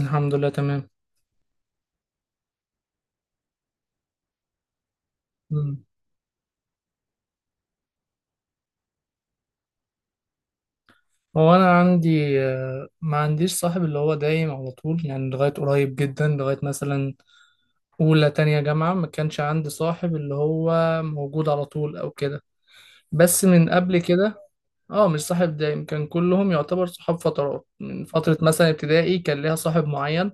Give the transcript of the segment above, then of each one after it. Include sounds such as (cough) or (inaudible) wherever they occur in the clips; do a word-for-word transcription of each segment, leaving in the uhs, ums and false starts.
الحمد لله تمام. مم. هو انا عندي آه، ما عنديش صاحب اللي هو دايم على طول، يعني لغايه قريب جدا، لغايه مثلا اولى تانية جامعه ما كانش عندي صاحب اللي هو موجود على طول او كده، بس من قبل كده. اه مش صاحب دايم، كان كلهم يعتبر صحاب فترات. من فتره مثلا ابتدائي كان ليها صاحب معين،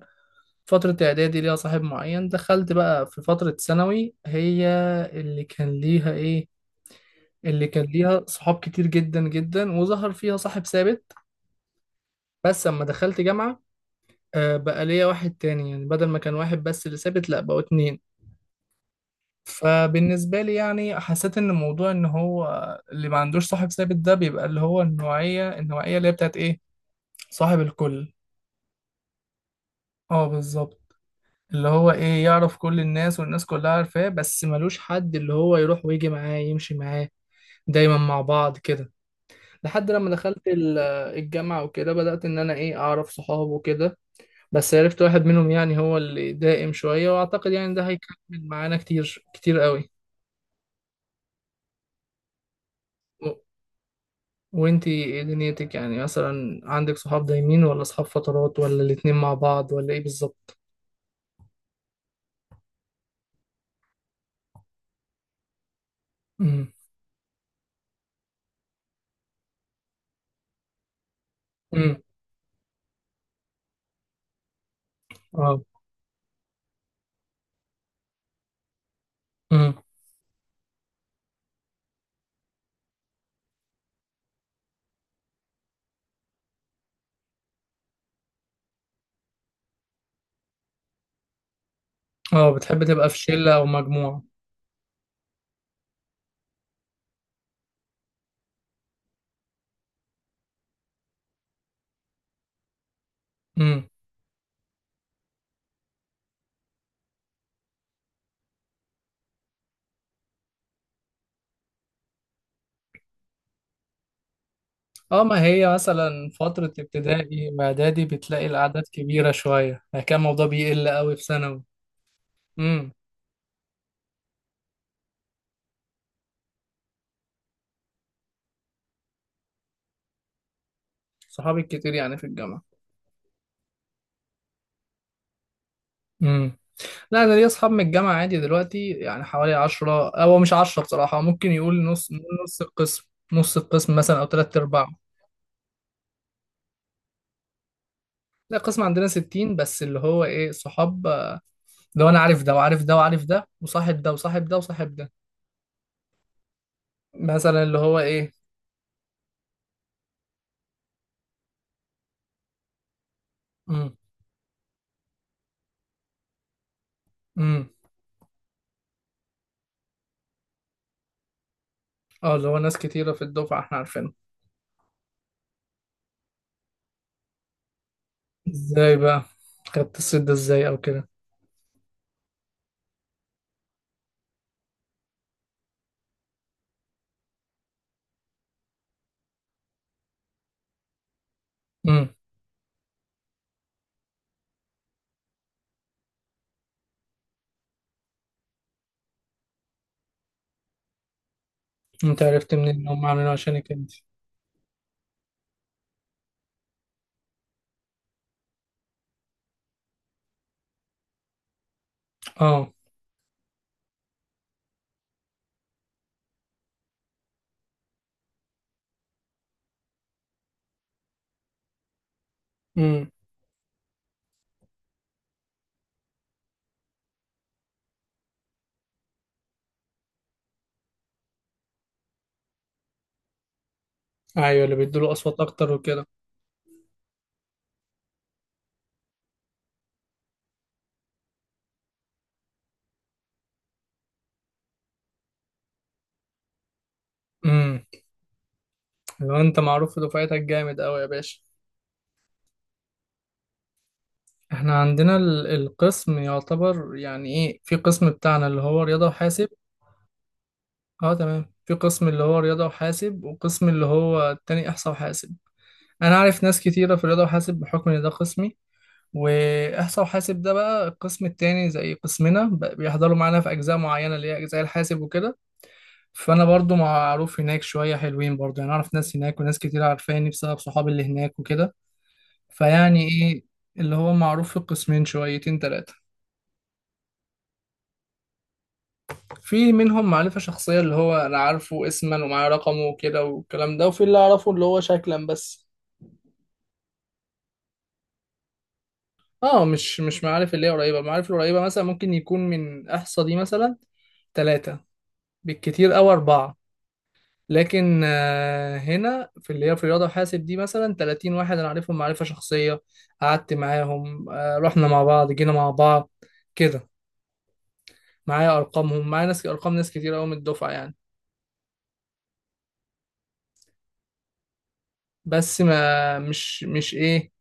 فتره اعدادي ليها صاحب معين. دخلت بقى في فتره ثانوي، هي اللي كان ليها ايه اللي كان ليها صحاب كتير جدا جدا، وظهر فيها صاحب ثابت. بس اما دخلت جامعة آه، بقى ليا واحد تاني، يعني بدل ما كان واحد بس اللي ثابت، لا بقوا اتنين. فبالنسبة لي يعني حسيت ان موضوع ان هو اللي ما عندوش صاحب ثابت ده بيبقى اللي هو النوعية النوعية اللي هي بتاعت ايه، صاحب الكل. اه بالظبط، اللي هو ايه يعرف كل الناس والناس كلها عارفاه، بس ملوش حد اللي هو يروح ويجي معاه يمشي معاه دايما مع بعض كده. لحد لما دخلت ال- الجامعة وكده بدأت ان انا ايه اعرف صحابه وكده، بس عرفت واحد منهم يعني هو اللي دائم شوية، وأعتقد يعني ده هيكمل معانا كتير كتير قوي. و... وانتي ايه دنيتك، يعني مثلا عندك صحاب دايمين ولا صحاب فترات ولا الاتنين مع بعض ولا ايه بالظبط؟ امم. امم. اه. امم. اه بتحب تبقى في شلة او مجموعة؟ امم. اه، ما هي مثلا فترة ابتدائي واعدادي بتلاقي الأعداد كبيرة شوية، يعني كان الموضوع بيقل قوي في ثانوي. امم. صحابي كتير يعني في الجامعة. مم. لا، انا ليا اصحاب من الجامعه عادي دلوقتي يعني حوالي عشرة، هو مش عشرة بصراحه، ممكن يقول نص، نص القسم، نص القسم مثلا او تلات ارباع. لا، القسم عندنا ستين، بس اللي هو ايه صحاب، آه، لو انا عارف ده وعارف ده وعارف ده وصاحب ده وصاحب ده وصاحب ده. مثلا اللي هو ايه. امم. امم. اه اللي هو ناس كتيره في الدفعه احنا عارفينها. ازاي بقى خدت الصيت ده ازاي او كده؟ امم. انت عرفت منين ان هم عاملينه عشانك انت؟ اه. امم. ايوه اللي بيدوا له اصوات اكتر وكده. لو انت معروف في دفعتك جامد قوي يا باشا. احنا عندنا ال- القسم يعتبر يعني ايه، في قسم بتاعنا اللي هو رياضة وحاسب. اه تمام، في قسم اللي هو رياضة وحاسب وقسم اللي هو التاني احصاء وحاسب. انا عارف ناس كتيرة في رياضة وحاسب بحكم ان ده قسمي. واحصاء وحاسب ده بقى القسم التاني، زي قسمنا ب- بيحضروا معانا في اجزاء معينة اللي هي اجزاء الحاسب وكده. فانا برضو معروف هناك شوية، حلوين برضو يعني اعرف ناس هناك وناس كتير عارفاني بسبب صحابي اللي هناك وكده. فيعني ايه، اللي هو معروف في القسمين شويتين تلاتة. في منهم معرفة شخصية اللي هو انا عارفه اسما ومعاه رقمه وكده والكلام ده، وفي اللي اعرفه اللي هو شكلا بس. اه مش مش معارف اللي هي قريبة، المعارف القريبة مثلا ممكن يكون من احصى دي مثلا تلاتة بالكتير او اربعة. لكن آه، هنا في اللي هي في رياضة وحاسب دي مثلا تلاتين واحد انا عارفهم معرفة شخصية، قعدت معاهم آه، رحنا مع بعض جينا مع بعض كده. معايا ارقامهم، معايا ناس ارقام ناس كتير قوي من الدفعة يعني. بس ما مش مش ايه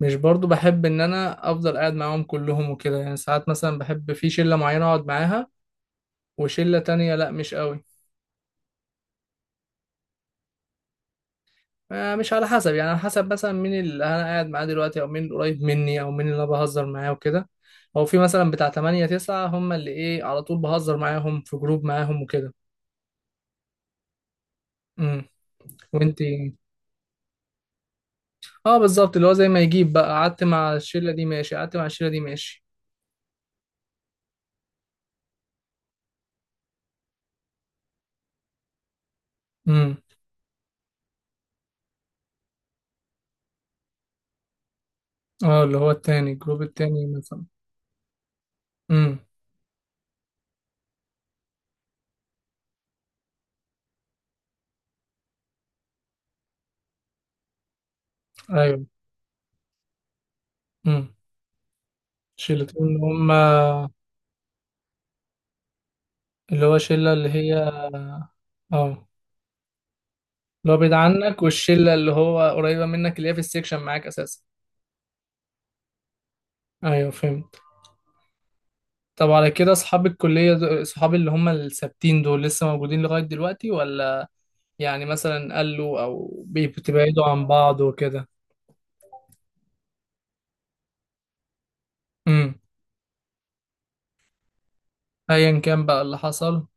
مش برضو بحب ان انا افضل قاعد معاهم كلهم وكده، يعني ساعات مثلا بحب في شلة معينة اقعد معاها وشلة تانية لا مش قوي. آه، مش على حسب يعني، على حسب مثلا مين اللي انا قاعد معاه دلوقتي او مين اللي قريب مني او مين اللي انا بهزر معاه وكده، او في مثلا بتاع تمانية تسعة، هم اللي ايه على طول بهزر معاهم في جروب معاهم وكده. امم. وانتي. اه بالظبط، اللي هو زي ما يجيب بقى قعدت مع الشلة دي ماشي، قعدت مع الشلة دي ماشي. امم. اه اللي هو التاني، الجروب التاني مثلا. امم. ايوه. امم. شيلتين اللي هم. اللي هو شلة اللي هي. اه اللي هو بعيد عنك، والشلة اللي هو قريبة منك اللي هي في السكشن معاك اساسا. ايوه فهمت. طب على كده اصحاب الكلية دو- اصحاب اللي هم الثابتين دول لسه موجودين لغاية دلوقتي، ولا يعني مثلا قالوا او بي- بتبعدوا عن بعض وكده؟ امم. ايا كان بقى اللي حصل.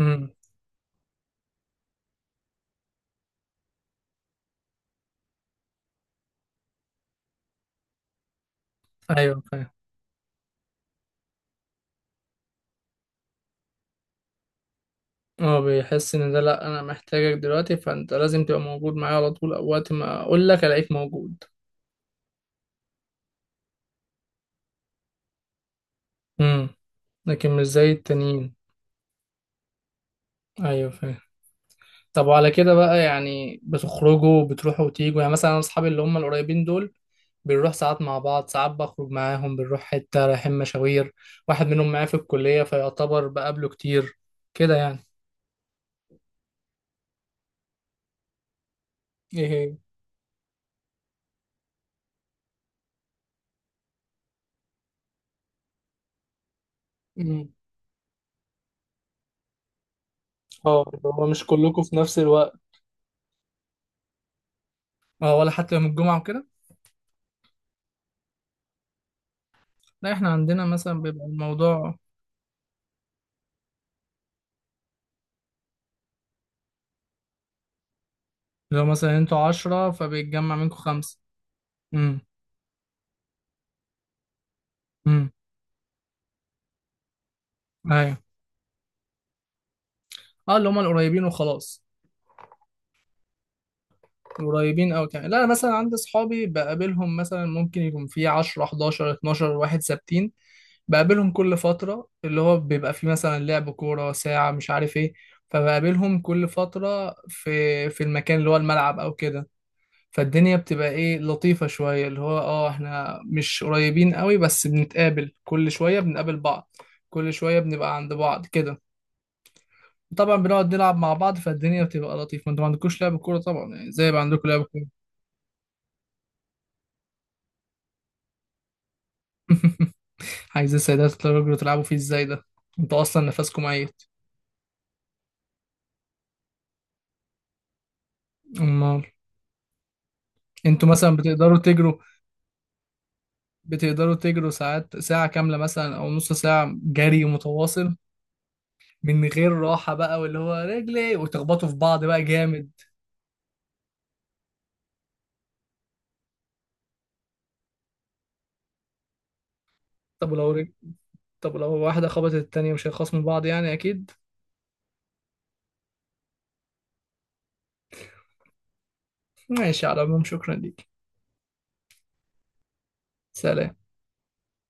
امم. ايوه فاهم. هو بيحس ان ده لا انا محتاجك دلوقتي، فانت لازم تبقى موجود معايا على طول او وقت ما اقول لك الاقيك موجود. امم. لكن مش زي التانيين. ايوه فاهم. طب وعلى كده بقى، يعني بتخرجوا بتروحوا وتيجوا؟ يعني مثلا انا اصحابي اللي هم القريبين دول بنروح ساعات مع بعض، ساعات بخرج معاهم بنروح حتة رايحين مشاوير، واحد منهم معايا في الكلية فيعتبر بقابله كتير كده يعني. ايه هي؟ امم. اه اللي هو مش كلكم في نفس الوقت. اه، ولا حتى يوم الجمعة وكده. لا، احنا عندنا مثلا بيبقى الموضوع. لو مثلا انتوا عشرة فبيتجمع منكم خمسة. امم. امم. ايوه. اه اللي هم القريبين وخلاص. قريبين أوي يعني، لا أنا مثلا عندي أصحابي بقابلهم مثلا ممكن يكون في عشرة احداشر اثنا عشر واحد ثابتين، بقابلهم كل فترة اللي هو بيبقى فيه مثلا لعب كورة، ساعة مش عارف ايه. فبقابلهم كل فترة في في المكان اللي هو الملعب أو كده. فالدنيا بتبقى ايه لطيفة شوية، اللي هو اه احنا مش قريبين قوي بس بنتقابل كل شوية، بنقابل بعض كل شوية، بنبقى عند بعض كده. طبعا بنقعد نلعب مع بعض فالدنيا بتبقى لطيفة. ما انتوا ما عندكوش لعب كورة طبعا، يعني زي ما عندكم لعب كورة. (laughs) عايز السيدات تقدروا تلعبوا فيه ازاي ده؟ انتوا اصلا نفسكم ميت. امال انتوا مثلا بتقدروا تجروا؟ بتقدروا تجروا ساعات، ساعة كاملة مثلا او نص ساعة جري متواصل من غير راحة بقى، واللي هو رجلي وتخبطوا في بعض بقى جامد. طب ولو رجل. طب لو واحدة خبطت التانية مش هيخصموا بعض يعني اكيد. ماشي، على العموم شكرا ليك. سلام.